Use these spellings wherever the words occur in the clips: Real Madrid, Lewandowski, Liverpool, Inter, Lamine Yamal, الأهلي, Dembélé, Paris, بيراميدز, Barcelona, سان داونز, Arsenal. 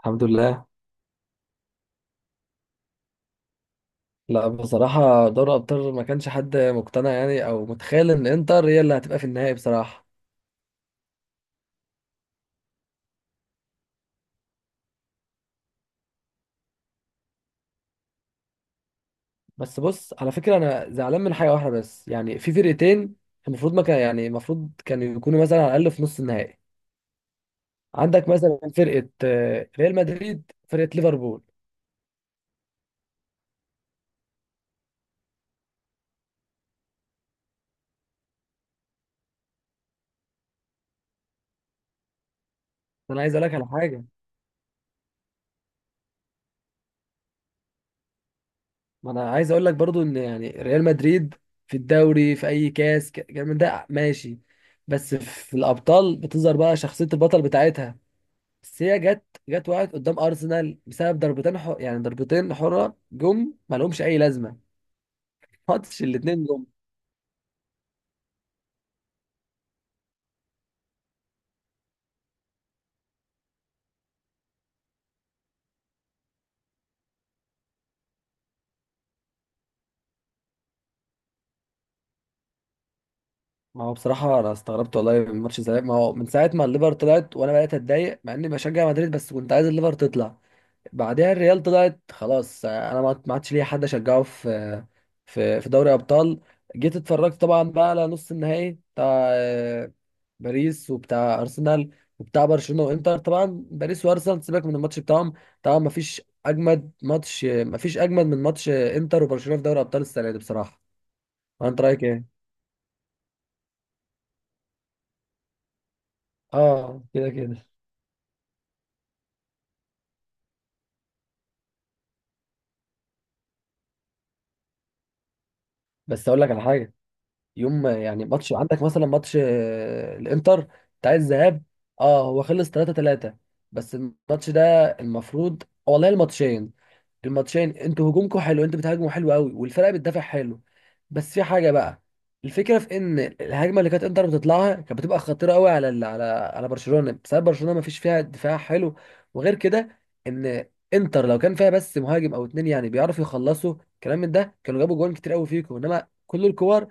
الحمد لله. لا بصراحة دوري أبطال ما كانش حد مقتنع أو متخيل إن إنتر هي اللي هتبقى في النهائي بصراحة. بس بص على فكرة أنا زعلان من حاجة واحدة بس، في فرقتين المفروض ما كان، المفروض كانوا يكونوا مثلا على الأقل في نص النهائي. عندك مثلا فرقة ريال مدريد، فرقة ليفربول. أنا عايز أقول لك على حاجة، ما أنا عايز أقول لك برضو إن ريال مدريد في الدوري في أي كاس كلام من ده ماشي، بس في الأبطال بتظهر بقى شخصية البطل بتاعتها. بس هي جت، وقعت قدام ارسنال بسبب ضربتين يعني ضربتين حره جم ما لهمش اي لازمه. ماتش الاثنين جم. ما هو بصراحه انا استغربت والله من ماتش الذهاب، ما هو من ساعه ما الليفر طلعت وانا بقيت اتضايق مع اني بشجع مدريد، بس كنت عايز الليفر تطلع. بعدها الريال طلعت خلاص، انا ما عادش ليا حد اشجعه في، في دوري ابطال. جيت اتفرجت طبعا بقى على نص النهائي بتاع باريس وبتاع ارسنال وبتاع برشلونه وانتر. طبعا باريس وارسنال سيبك من الماتش بتاعهم، طبعا ما فيش اجمد ماتش، ما فيش اجمد من ماتش انتر وبرشلونه في دوري ابطال السنه دي بصراحه. وانت رايك ايه؟ اه كده كده. بس اقول لك على حاجه. يوم ما- يعني ماتش عندك مثلا ماتش الانتر بتاع الذهاب، اه هو خلص 3 3. بس الماتش ده المفروض والله، الماتشين انتوا هجومكم حلو، انتوا بتهاجموا حلو قوي والفرقه بتدافع حلو. بس في حاجه بقى، الفكره في ان الهجمه اللي كانت انتر بتطلعها كانت بتبقى خطيره قوي على على برشلونه، بسبب برشلونه ما فيش فيها دفاع حلو. وغير كده، ان انتر لو كان فيها بس مهاجم او اتنين بيعرفوا يخلصوا كلام من ده، كانوا جابوا جوان كتير قوي فيكم. انما كل الكور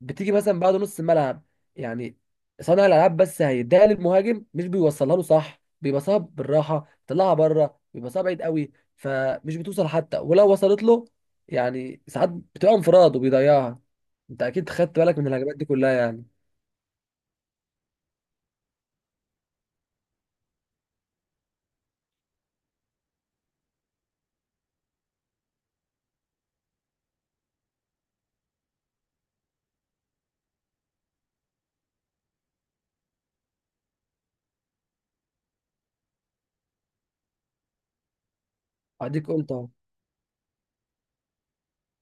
بتيجي مثلا بعد نص الملعب، يعني صانع الالعاب بس هيديها للمهاجم مش بيوصلها له صح، بيبقى صعب. بالراحه طلعها بره بيبقى صعب بعيد قوي، فمش بتوصل. حتى ولو وصلت له، يعني ساعات بتبقى انفراد وبيضيعها. انت اكيد خدت بالك من الهجمات دي كلها يعني. اديك قلت اهو،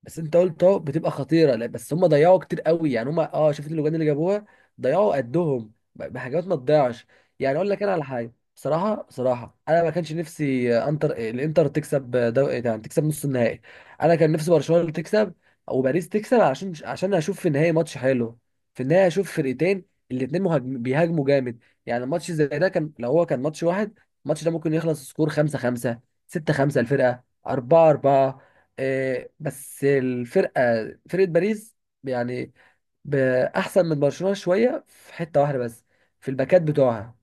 بس انت قلت اهو بتبقى خطيره. لا بس هم ضيعوا كتير قوي يعني، هم اه شفت اللجان اللي جابوها، ضيعوا قدهم بحاجات ما تضيعش. يعني اقول لك انا على حاجه بصراحه، انا ما كانش نفسي آه، انتر آه، الانتر تكسب، آه، دو... إيه، يعني تكسب نص النهائي. انا كان نفسي برشلونه اللي تكسب او باريس تكسب، عشان هشوف في النهائي ماتش حلو. في النهائي هشوف فرقتين الاتنين بيهاجموا جامد، يعني الماتش زي ده كان، لو هو كان ماتش واحد الماتش ده ممكن يخلص سكور 5 5، 6 5، الفرقه 4 4. بس الفرقه، فرقه باريس يعني ب- احسن من برشلونه شويه في حته واحده بس، في الباكات بتوعها.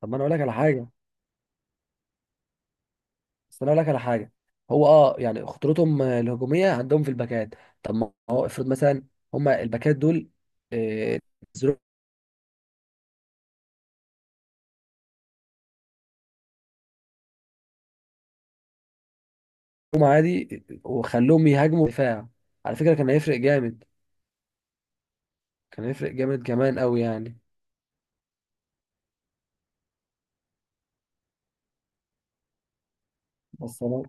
طب ما انا اقول لك على حاجه بس انا اقول لك على حاجه، هو اه يعني خطورتهم الهجوميه عندهم في الباكات. طب ما هو افرض مثلا هما الباكات دول آه، نزلوهم عادي وخلوهم يهاجموا دفاع، على فكره كان هيفرق جامد، كان هيفرق جامد كمان قوي يعني. بس انا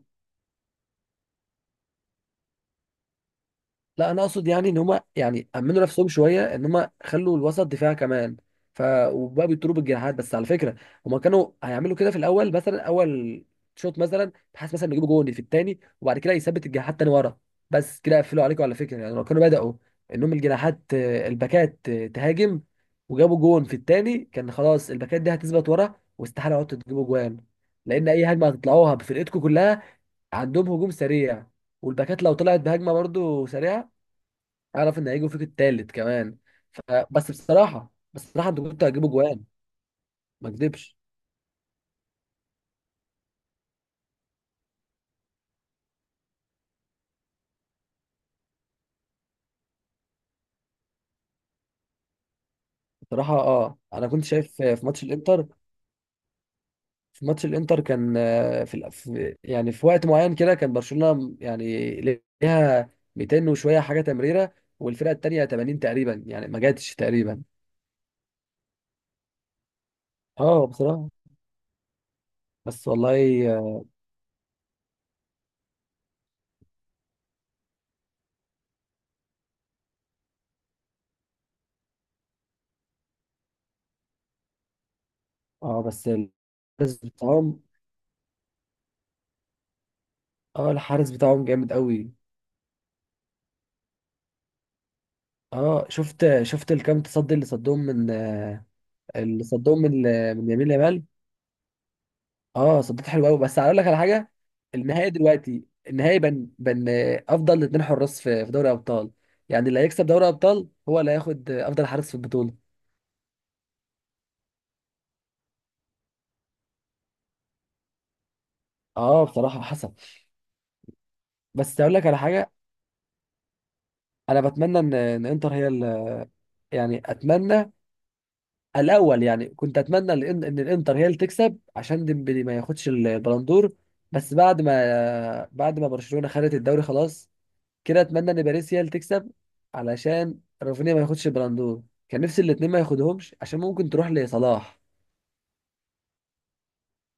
لا انا اقصد يعني ان هما، يعني امنوا نفسهم شويه ان هما خلوا الوسط دفاع كمان، ف وبقى بيضربوا بالجناحات. بس على فكره هما كانوا هيعملوا كده في الاول مثلا، اول شوط مثلا، بحيث مثلا يجيبوا جون في الثاني وبعد كده يثبت الجناحات تاني ورا. بس كده يقفلوا عليكم على فكره، يعني لو كانوا بداوا انهم الجناحات، الباكات تهاجم وجابوا جون في الثاني، كان خلاص الباكات دي هتثبت ورا، واستحاله عدتوا تجيبوا جوان. لان اي هجمه هتطلعوها بفرقتكم كلها، عندهم هجوم سريع، والباكات لو طلعت بهجمه برضو سريعه، اعرف ان هيجوا فيك التالت كمان. ف... بس بصراحه، انتوا كنتوا هتجيبوا جوان، ما اكذبش. بصراحه اه، انا كنت شايف في ماتش في ماتش الانتر كان آه، في, الأف- يعني في وقت معين كده كان برشلونه يعني ليها 200 وشويه حاجه تمريره والفرقه التانيه 80 تقريبا، يعني ما جاتش تقريبا. اه بصراحه. بس والله. اه، بس الحارس بتاعهم، اه الحارس بتاعهم جامد قوي. اه شفت الكام تصدي اللي صدهم من، اللي صدهم من من يمين لمال. اه صدت حلو قوي. بس هقول لك على حاجه، النهائي دلوقتي النهائي بن بن افضل اتنين حراس في، في دوري ابطال، يعني اللي هيكسب دوري ابطال هو اللي هياخد افضل حارس في البطوله. اه بصراحه حصل. بس هقول لك على حاجه، انا بتمنى ان انتر هي اتمنى الاول، يعني كنت اتمنى ان الانتر هي اللي تكسب عشان ديمبلي ما ياخدش البلندور. بس بعد ما برشلونه خدت الدوري خلاص كده، اتمنى ان باريس هي اللي تكسب علشان رافينيا ما ياخدش البلندور. كان نفسي الاتنين ما ياخدهمش عشان ممكن تروح لصلاح.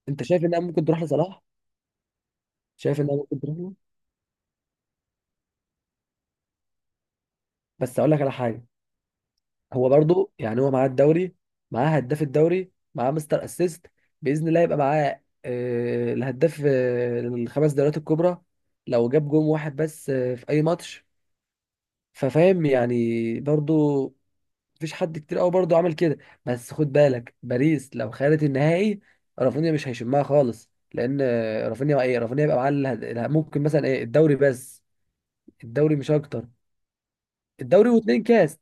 انت شايف انها ممكن تروح لصلاح؟ شايف انها ممكن تروح له؟ بس اقول لك على حاجه، هو برضو يعني هو معاه الدوري، معاه هداف الدوري، معاه مستر اسيست، باذن الله يبقى معاه الهداف الخمس دوريات الكبرى لو جاب جون واحد بس في اي ماتش. ففاهم يعني برضو مفيش حد كتير قوي برضه عمل كده. بس خد بالك باريس لو خدت النهائي، رافينيا مش هيشمها خالص، لان رافينيا يبقى معاه ممكن مثلا ايه الدوري بس، الدوري مش اكتر، الدوري واتنين كاس.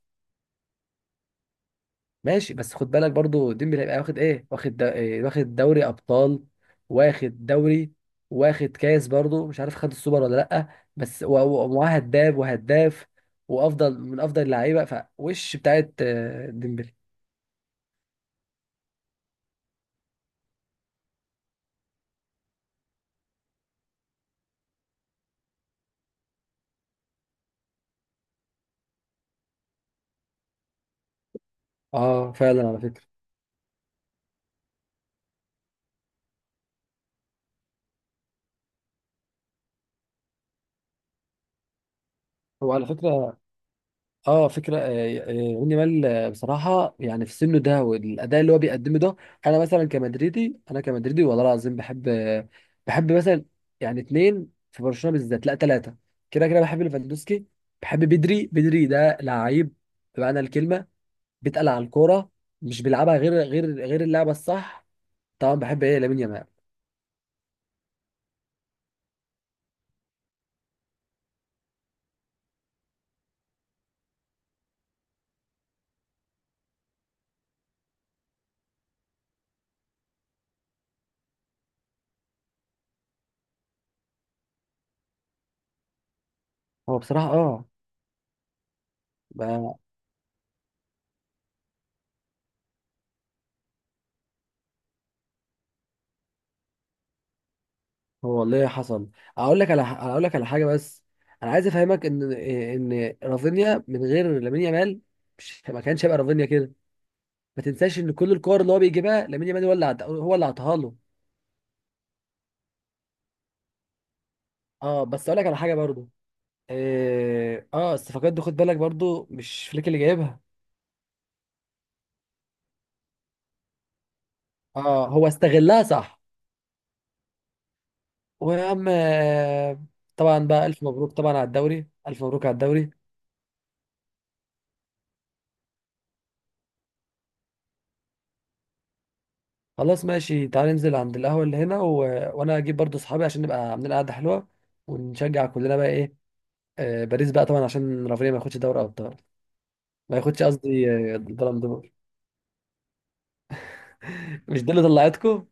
ماشي بس خد بالك برضه ديمبلي هيبقى واخد ايه، واخد دا- إيه؟ واخد دوري ابطال، واخد دوري، واخد كاس، برضه مش عارف خد السوبر ولا لا. بس ومعاه هداف، وافضل من افضل اللعيبه فوش بتاعت ديمبلي. اه فعلا على فكره. هو على فكرة اه فكره يمين يامال، بصراحه يعني في سنه ده والاداء اللي هو بيقدمه ده، انا مثلا كمدريدي، انا كمدريدي والله العظيم بحب مثلا، يعني اتنين في برشلونه بالذات، لا ثلاثه. كده كده بحب ليفاندوسكي، بحب بدري. بدري ده لعيب بمعنى الكلمه، بيتقل على الكوره، مش بيلعبها غير اللعبه الصح. طبعا بحب ايه لامين يامال. هو بصراحه اه، هو والله حصل. اقول لك على حاجه بس، انا عايز افهمك ان رافينيا من غير لامين يامال مش، ما كانش هيبقى رافينيا كده. ما تنساش ان كل الكور اللي هو بيجيبها لامين يامال هو اللي عطاها له. اه بس اقول لك على حاجه برضو، اه الصفقات دي خد بالك برضو مش فليك اللي جايبها. اه هو استغلها صح. ويا عم طبعا بقى الف مبروك طبعا على الدوري، الف مبروك على الدوري. خلاص ماشي، تعالى ننزل عند القهوة اللي هنا وانا اجيب برضو اصحابي عشان نبقى عاملين قعدة حلوة، ونشجع كلنا بقى ايه، آه باريس بقى طبعا عشان رافينيا ما ياخدش دوري ابطال، ما ياخدش قصدي البالون دور. مش دي اللي طلعتكم.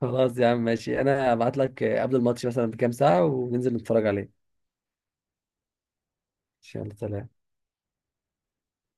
خلاص يا عم ماشي، انا هبعت لك قبل الماتش مثلا بكام ساعة وننزل نتفرج عليه. يلا سلام.